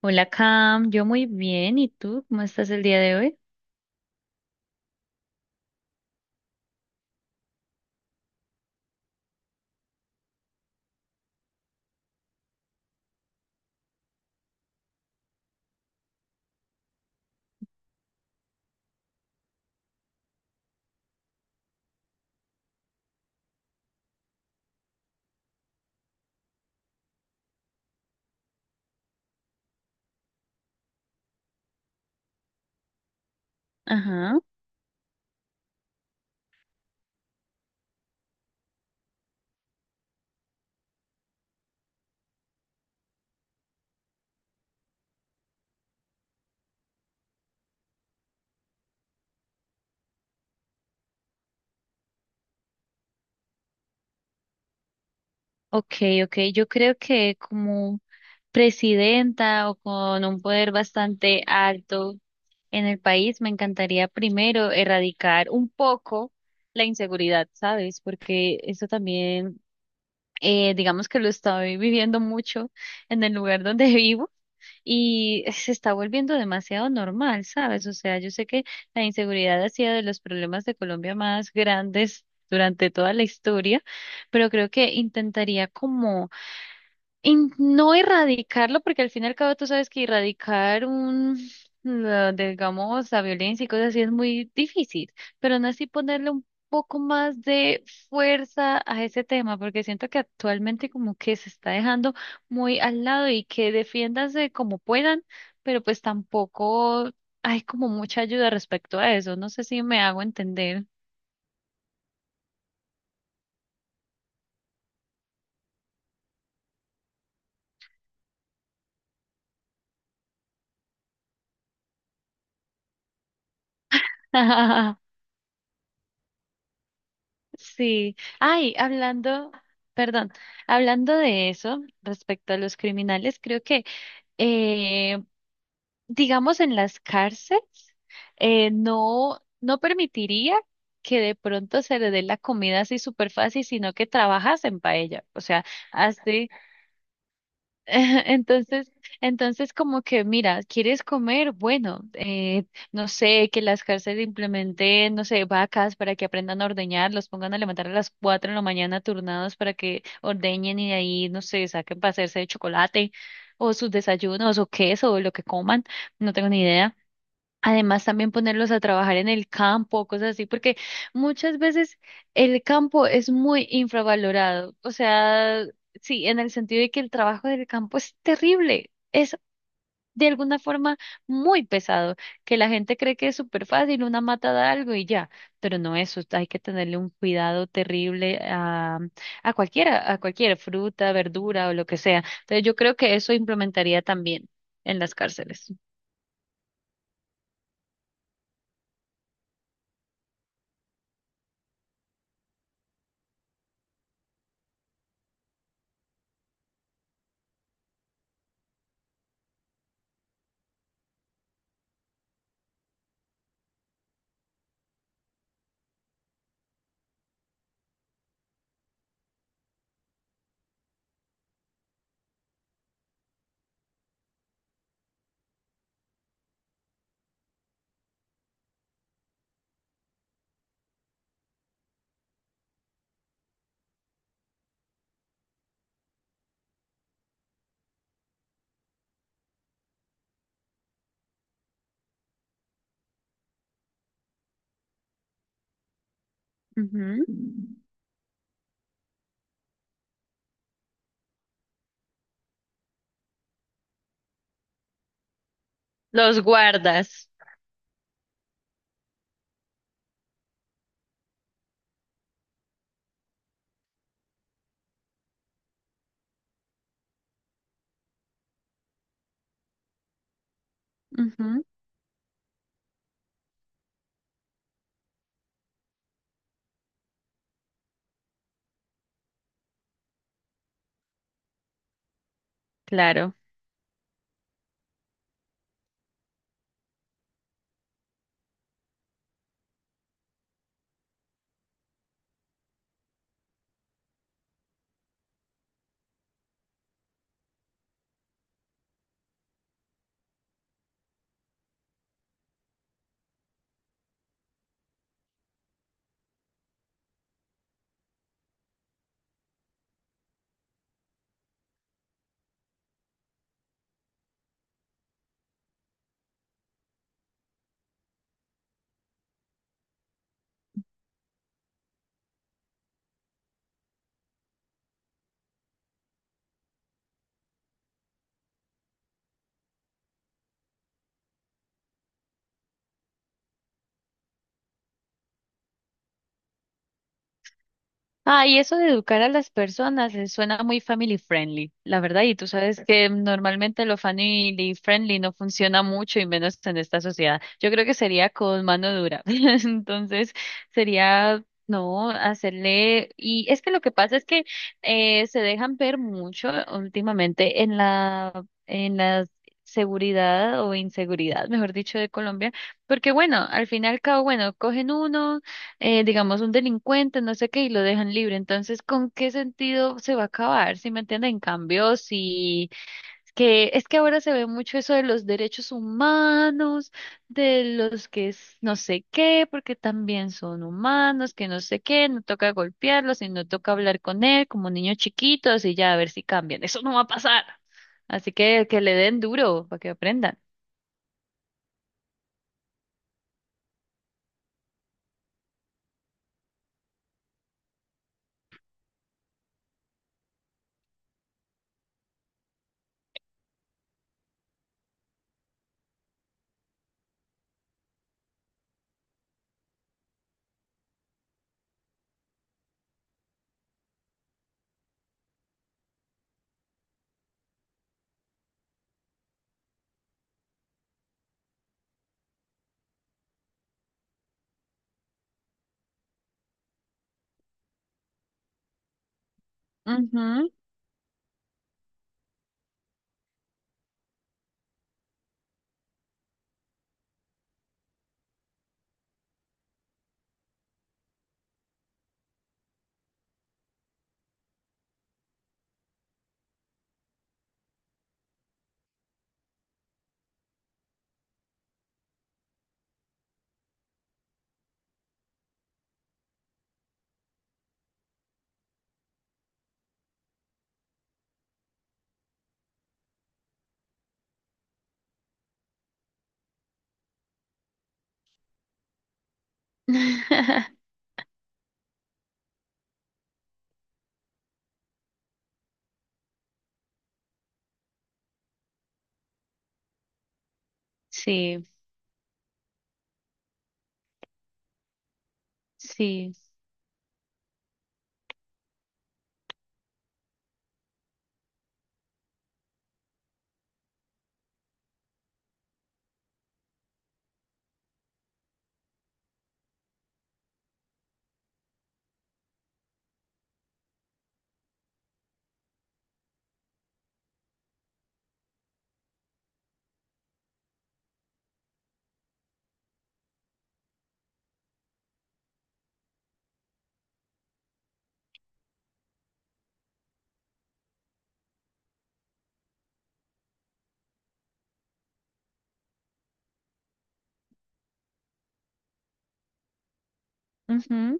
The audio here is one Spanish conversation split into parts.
Hola Cam, yo muy bien. ¿Y tú? ¿Cómo estás el día de hoy? Ajá. Ok, ok. Yo creo que como presidenta o con un poder bastante alto en el país, me encantaría primero erradicar un poco la inseguridad, ¿sabes? Porque eso también, digamos que lo estoy viviendo mucho en el lugar donde vivo. Y se está volviendo demasiado normal, ¿sabes? O sea, yo sé que la inseguridad ha sido de los problemas de Colombia más grandes durante toda la historia, pero creo que intentaría como en no erradicarlo, porque al fin y al cabo tú sabes que erradicar digamos, la violencia y cosas así es muy difícil, pero no así ponerle un poco más de fuerza a ese tema, porque siento que actualmente como que se está dejando muy al lado y que defiéndanse como puedan, pero pues tampoco hay como mucha ayuda respecto a eso. No sé si me hago entender. Sí. Ay, hablando, perdón, hablando de eso, respecto a los criminales, creo que, eh, digamos, en las cárceles, no permitiría que de pronto se le dé la comida así súper fácil, sino que trabajas en paella. O sea, así. Entonces, entonces como que, mira, ¿quieres comer? Bueno, no sé, que las cárceles implementen, no sé, vacas para que aprendan a ordeñar, los pongan a levantar a las 4 de la mañana turnados para que ordeñen y de ahí, no sé, saquen para hacerse de chocolate o sus desayunos o queso o lo que coman, no tengo ni idea. Además, también ponerlos a trabajar en el campo, cosas así, porque muchas veces el campo es muy infravalorado. O sea, sí, en el sentido de que el trabajo del campo es terrible, es de alguna forma muy pesado, que la gente cree que es súper fácil, una mata da algo y ya, pero no eso, hay que tenerle un cuidado terrible a cualquiera, a cualquier fruta, verdura o lo que sea. Entonces, yo creo que eso implementaría también en las cárceles. Ujú. Los guardas. Ujú, claro. Ah, y eso de educar a las personas suena muy family friendly, la verdad. Y tú sabes que normalmente lo family friendly no funciona mucho y menos en esta sociedad. Yo creo que sería con mano dura. Entonces, sería, no, hacerle... Y es que lo que pasa es que se dejan ver mucho últimamente en la seguridad o inseguridad, mejor dicho, de Colombia. Porque bueno, al final y al cabo, bueno, cogen uno. Digamos, un delincuente, no sé qué, y lo dejan libre. Entonces, ¿con qué sentido se va a acabar? ¿Sí me entienden? En cambio, si que es que ahora se ve mucho eso de los derechos humanos, de los que es no sé qué, porque también son humanos, que no sé qué, no toca golpearlos y no toca hablar con él como niños chiquitos y ya a ver si cambian. Eso no va a pasar. Así que le den duro para que aprendan. Ujú. Sí, sí. Ujú.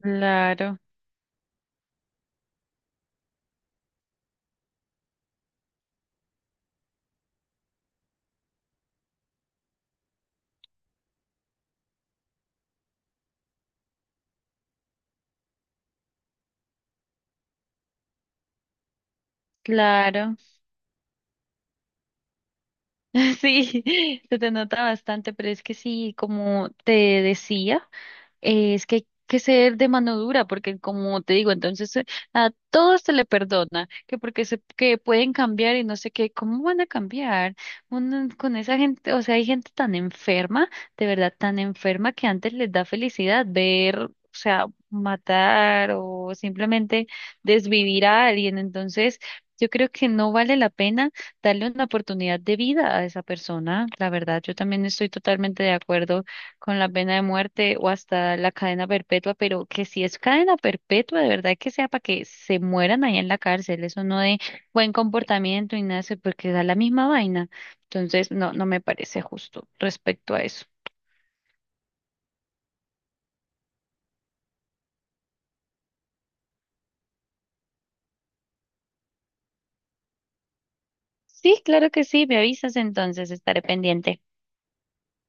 Claro. Claro, sí, se te nota bastante, pero es que sí, como te decía, es que hay que ser de mano dura, porque como te digo, entonces a todos se le perdona, que porque se, que pueden cambiar y no sé qué, ¿cómo van a cambiar? Uno, con esa gente, o sea, hay gente tan enferma, de verdad tan enferma que antes les da felicidad ver, o sea, matar o simplemente desvivir a alguien, entonces... Yo creo que no vale la pena darle una oportunidad de vida a esa persona. La verdad, yo también estoy totalmente de acuerdo con la pena de muerte o hasta la cadena perpetua, pero que si es cadena perpetua, de verdad que sea para que se mueran ahí en la cárcel, eso no de buen comportamiento y nada, eso, porque da la misma vaina. Entonces, no, no me parece justo respecto a eso. Sí, claro que sí, me avisas entonces, estaré pendiente.